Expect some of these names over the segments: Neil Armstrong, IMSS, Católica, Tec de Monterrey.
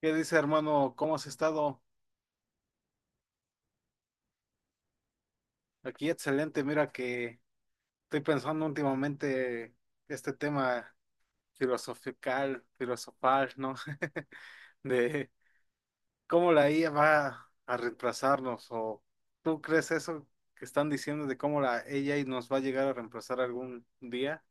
¿Qué dice, hermano? ¿Cómo has estado? Aquí excelente. Mira que estoy pensando últimamente este tema filosofical, filosofal, ¿no? De cómo la IA va a reemplazarnos. ¿O tú crees eso que están diciendo de cómo la AI nos va a llegar a reemplazar algún día?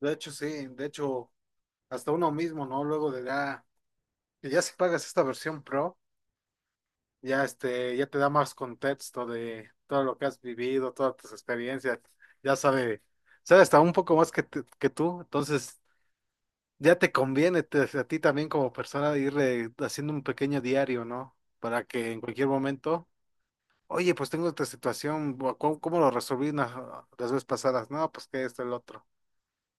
De hecho, sí. De hecho, hasta uno mismo, ¿no? Luego de la... que ya si pagas esta versión Pro. Ya este, ya te da más contexto de todo lo que has vivido, todas tus experiencias, ya sabe, sabe hasta un poco más que, que tú, entonces ya te conviene a ti también como persona ir haciendo un pequeño diario, ¿no? Para que en cualquier momento, oye, pues tengo esta situación, ¿cómo, cómo lo resolví ah, las veces pasadas? No, pues que esto, el otro.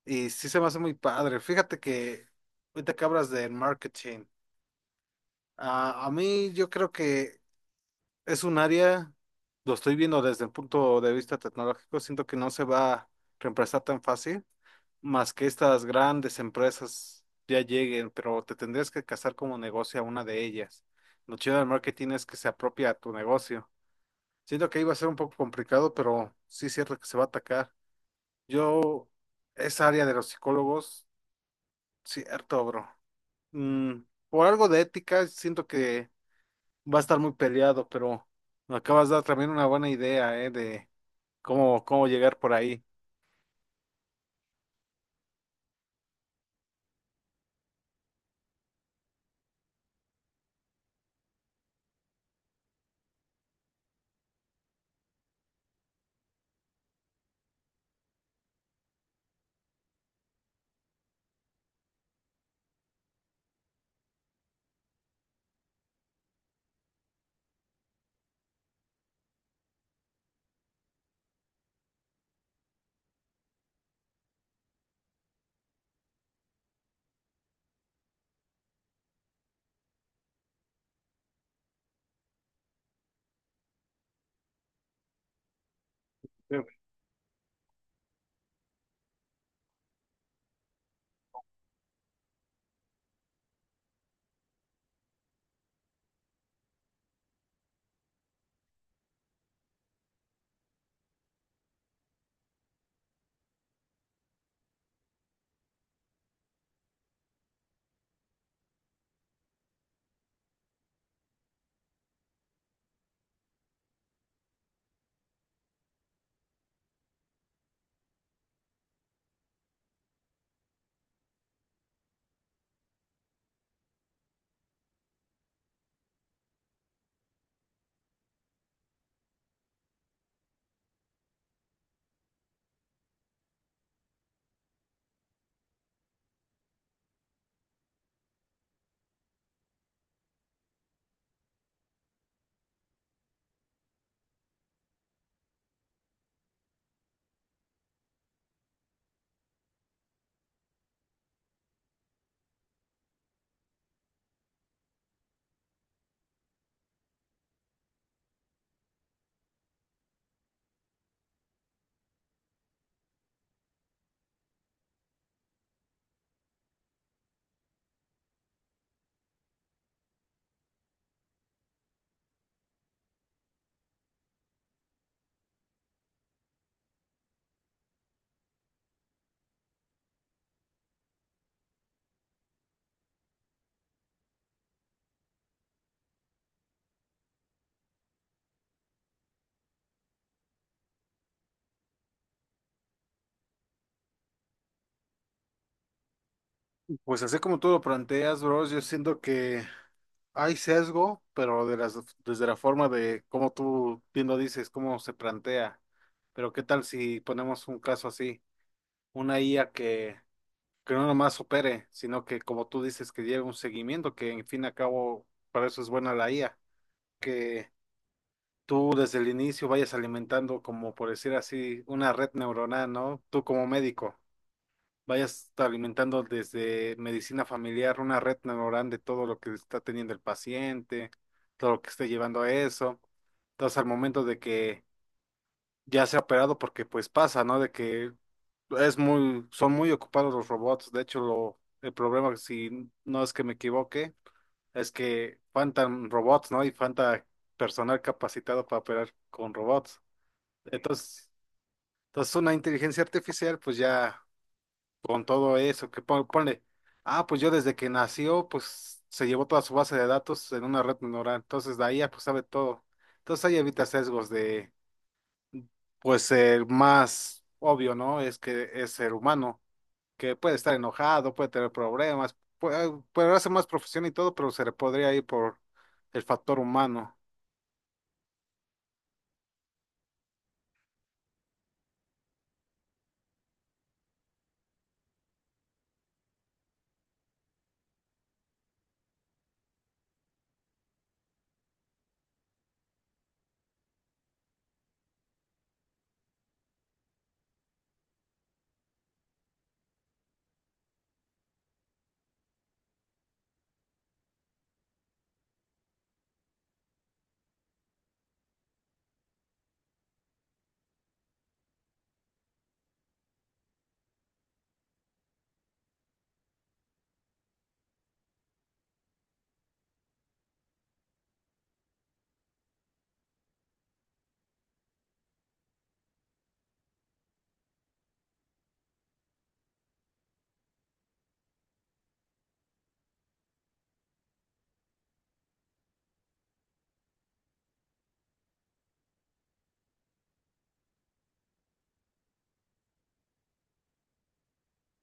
Y sí se me hace muy padre. Fíjate que ahorita que hablas del marketing, ah, a mí yo creo que es un área, lo estoy viendo desde el punto de vista tecnológico, siento que no se va a reemplazar tan fácil, más que estas grandes empresas ya lleguen, pero te tendrías que casar como negocio a una de ellas. Lo chido del marketing es que se apropia a tu negocio. Siento que iba a ser un poco complicado, pero sí es cierto que se va a atacar. Yo, esa área de los psicólogos, cierto, bro. Mm, por algo de ética, siento que va a estar muy peleado, pero me acabas de dar también una buena idea, ¿eh? De cómo, cómo llegar por ahí. Sí. Pues así como tú lo planteas, bro, yo siento que hay sesgo, pero de las, desde la forma de cómo tú bien lo dices, cómo se plantea. Pero ¿qué tal si ponemos un caso así? Una IA que, no nomás opere, sino que como tú dices, que lleve un seguimiento, que en fin y al cabo, para eso es buena la IA, que tú desde el inicio vayas alimentando, como por decir así, una red neuronal, ¿no? Tú como médico, vayas alimentando desde medicina familiar una red neuronal de todo lo que está teniendo el paciente, todo lo que esté llevando a eso. Entonces, al momento de que ya sea operado, porque pues pasa, ¿no? De que es muy, son muy ocupados los robots. De hecho, el problema, si no es que me equivoque, es que faltan robots, ¿no? Y falta personal capacitado para operar con robots. Entonces, entonces, una inteligencia artificial, pues ya con todo eso, que ponle, ah, pues yo desde que nació, pues se llevó toda su base de datos en una red neuronal, entonces la IA pues sabe todo. Entonces ahí evita sesgos de, pues el más obvio, ¿no? Es que es ser humano, que puede estar enojado, puede tener problemas, puede, puede hacer más profesión y todo, pero se le podría ir por el factor humano.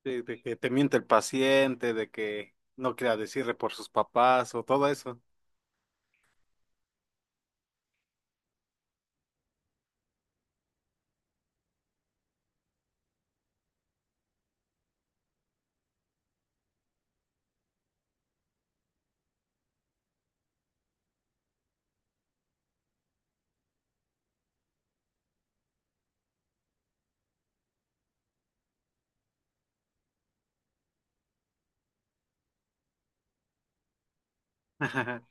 De que te miente el paciente, de que no quiera decirle por sus papás o todo eso.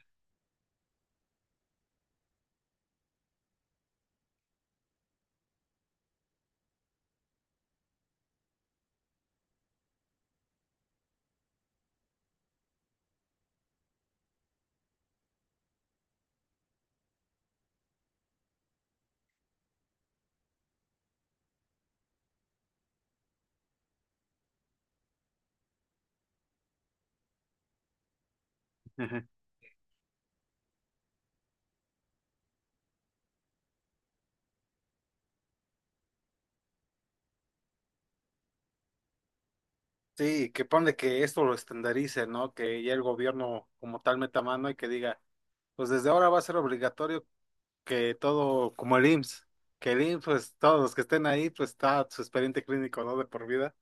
Sí, que ponle que esto lo estandarice, ¿no? Que ya el gobierno como tal meta mano y que diga, pues desde ahora va a ser obligatorio que todo, como el IMSS, que el IMSS, pues todos los que estén ahí, pues está su expediente clínico, ¿no? De por vida.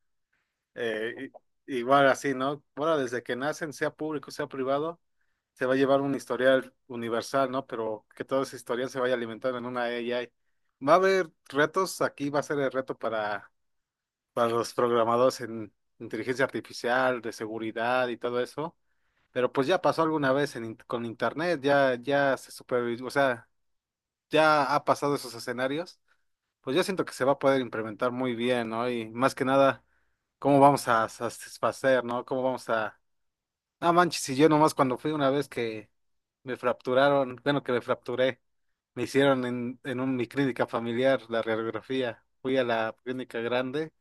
Eh, igual así, ¿no? Ahora desde que nacen, sea público, sea privado. Se va a llevar un historial universal, ¿no? Pero que todo ese historial se vaya alimentando en una AI. Va a haber retos, aquí va a ser el reto para los programadores en inteligencia artificial, de seguridad y todo eso. Pero pues ya pasó alguna vez en con internet, ya, ya se supervisó, o sea, ya ha pasado esos escenarios. Pues yo siento que se va a poder implementar muy bien, ¿no? Y más que nada, cómo vamos a satisfacer, ¿no? Cómo vamos a... Ah, manches, y yo nomás cuando fui una vez que me fracturaron, bueno, que me fracturé, me hicieron en mi clínica familiar la radiografía. Fui a la clínica grande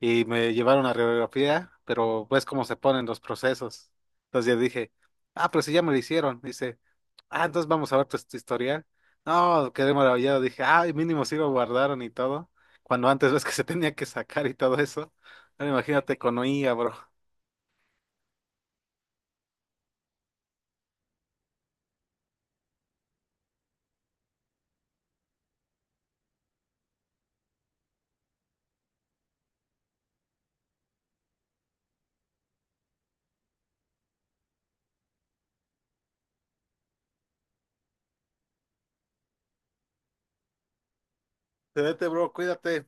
y me llevaron a radiografía, pero ves cómo se ponen los procesos. Entonces yo dije, ah, pero si ya me lo hicieron. Dice, ah, entonces vamos a ver tu, tu historial. No, quedé maravillado. Dije, ah, mínimo sí lo guardaron y todo. Cuando antes ves que se tenía que sacar y todo eso. Ahora imagínate con oía, bro. Te vete, bro, cuídate.